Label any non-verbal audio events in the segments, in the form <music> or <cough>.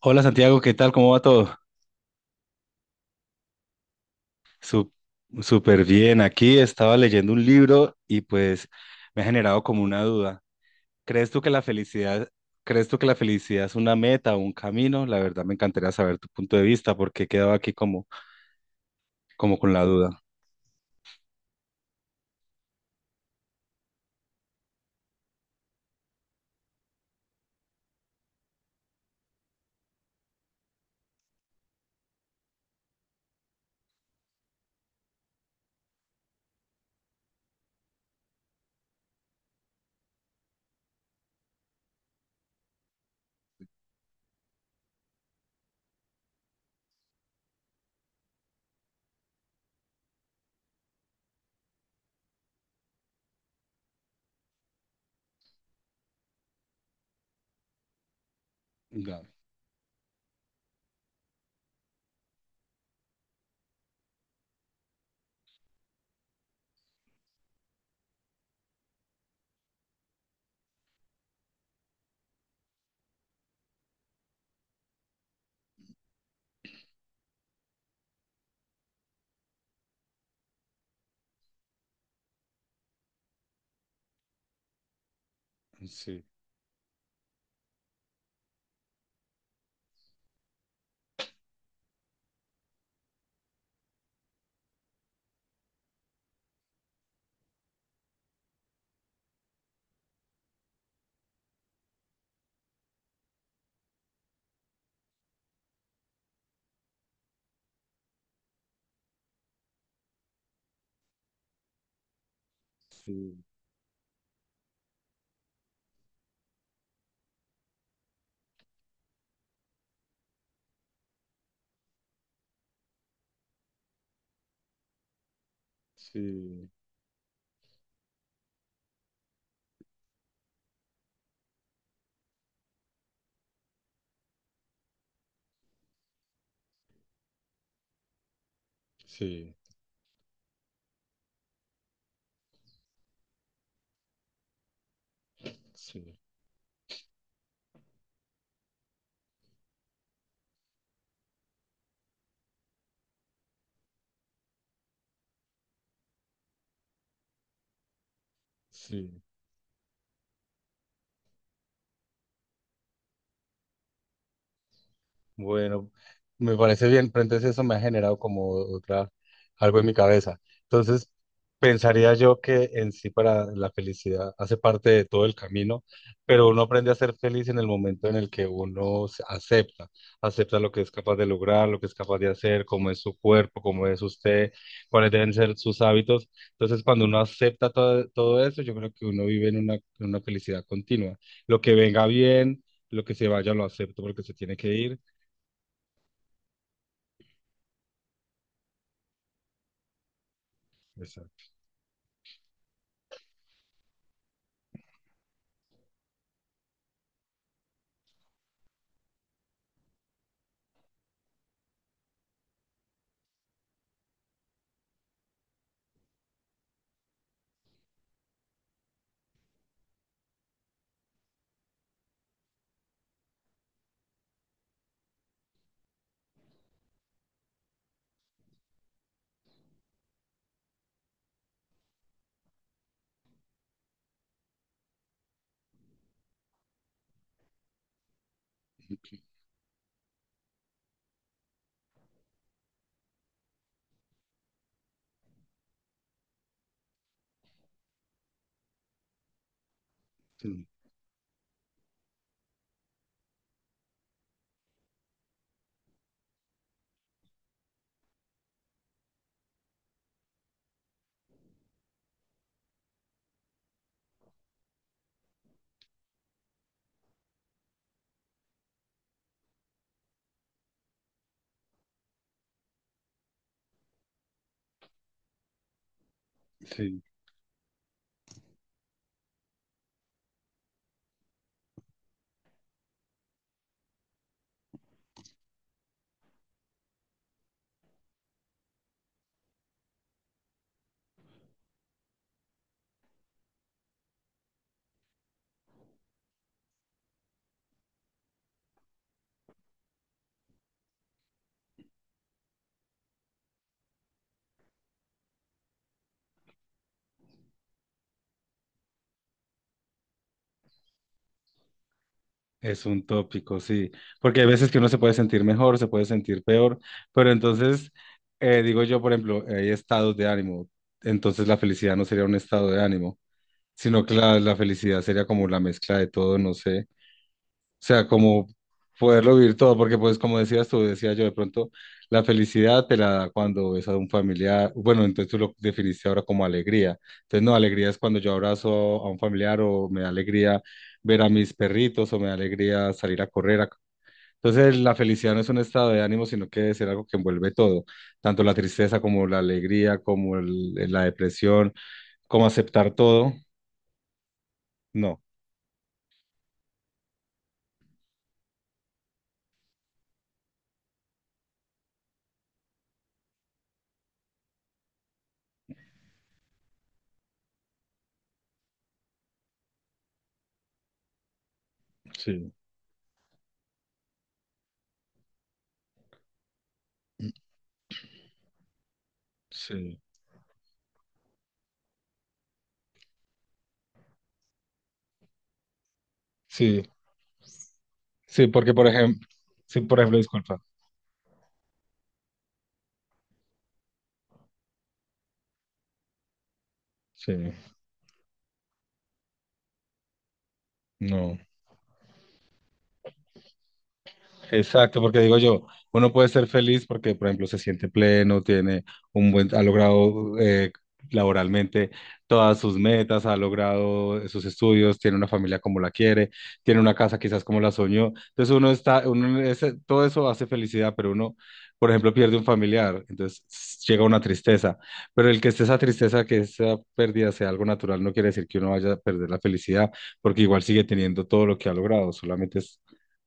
Hola Santiago, ¿qué tal? ¿Cómo va todo? Su- Súper bien. Aquí estaba leyendo un libro y pues me ha generado como una duda. ¿Crees tú que la felicidad, crees tú que la felicidad es una meta o un camino? La verdad me encantaría saber tu punto de vista porque he quedado aquí como, como con la duda. Ya, sí, sí, sí, sí, sí, sí. Bueno, me parece bien, pero entonces eso me ha generado como otra, algo en mi cabeza. Entonces, pensaría yo que en sí para la felicidad hace parte de todo el camino, pero uno aprende a ser feliz en el momento en el que uno se acepta, acepta lo que es capaz de lograr, lo que es capaz de hacer, cómo es su cuerpo, cómo es usted, cuáles deben ser sus hábitos. Entonces, cuando uno acepta todo, todo eso, yo creo que uno vive en una felicidad continua. Lo que venga bien, lo que se vaya lo acepto porque se tiene que ir. Exacto. Sí, sí, es un tópico, sí. Porque hay veces que uno se puede sentir mejor, se puede sentir peor, pero entonces, digo yo, por ejemplo, hay estados de ánimo, entonces la felicidad no sería un estado de ánimo, sino que la felicidad sería como la mezcla de todo, no sé. O sea, como poderlo vivir todo, porque pues como decías tú, decía yo, de pronto la felicidad te la da cuando ves a un familiar, bueno, entonces tú lo definiste ahora como alegría. Entonces, no, alegría es cuando yo abrazo a un familiar o me da alegría ver a mis perritos o me da alegría salir a correr. Entonces, la felicidad no es un estado de ánimo, sino que es algo que envuelve todo, tanto la tristeza como la alegría, como la depresión, como aceptar todo. No. Sí, sí, sí. Sí, porque por ejemplo, sí, por ejemplo, disculpa. Sí, no. Exacto, porque digo yo, uno puede ser feliz porque, por ejemplo, se siente pleno, tiene un buen, ha logrado laboralmente todas sus metas, ha logrado sus estudios, tiene una familia como la quiere, tiene una casa quizás como la soñó. Entonces uno está, uno, todo eso hace felicidad, pero uno, por ejemplo, pierde un familiar, entonces llega una tristeza. Pero el que esté esa tristeza, que esa pérdida sea algo natural, no quiere decir que uno vaya a perder la felicidad, porque igual sigue teniendo todo lo que ha logrado, solamente es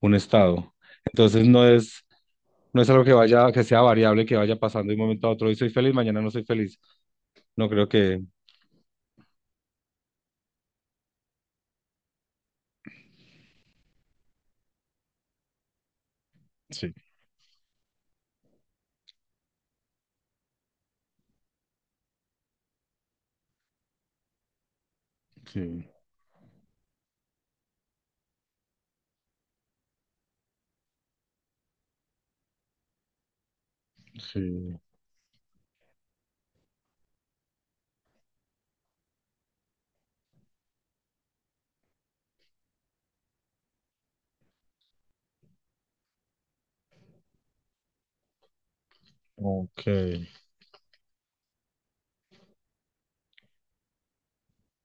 un estado. Entonces no es algo que vaya, que sea variable, que vaya pasando de un momento a otro. Hoy soy feliz, mañana no soy feliz. No creo que. Sí, sí, sí. Ok,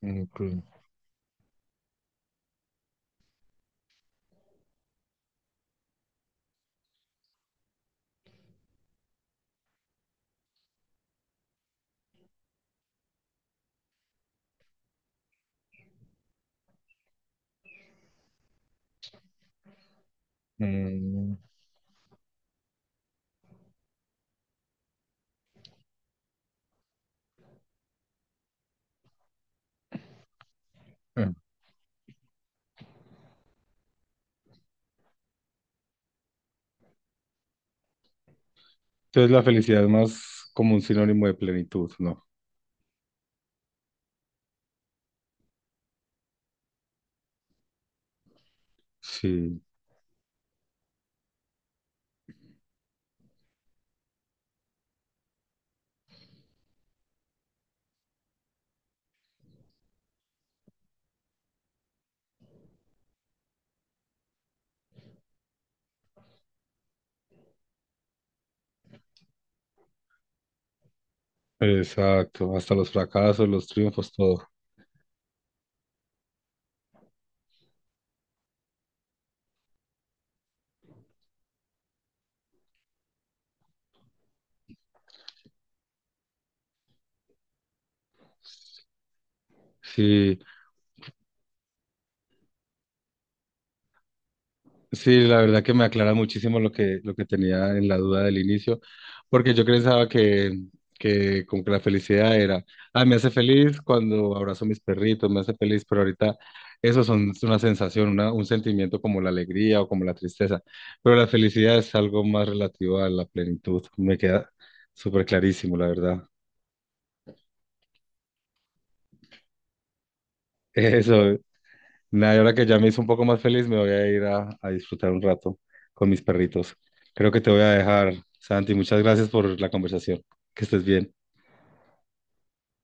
ok. Mm, eh, entonces la felicidad es más como un sinónimo de plenitud, ¿no? Sí, exacto. Hasta los fracasos, los triunfos, todo. Sí, sí, la verdad que me aclara muchísimo lo que tenía en la duda del inicio, porque yo pensaba que como que la felicidad era, ah, me hace feliz cuando abrazo a mis perritos, me hace feliz, pero ahorita eso son, es una sensación, un sentimiento como la alegría o como la tristeza, pero la felicidad es algo más relativo a la plenitud, me queda súper clarísimo, la verdad. <laughs> Eso, nada, y ahora que ya me hizo un poco más feliz, me voy a ir a disfrutar un rato con mis perritos. Creo que te voy a dejar, Santi. Muchas gracias por la conversación. Que estés bien.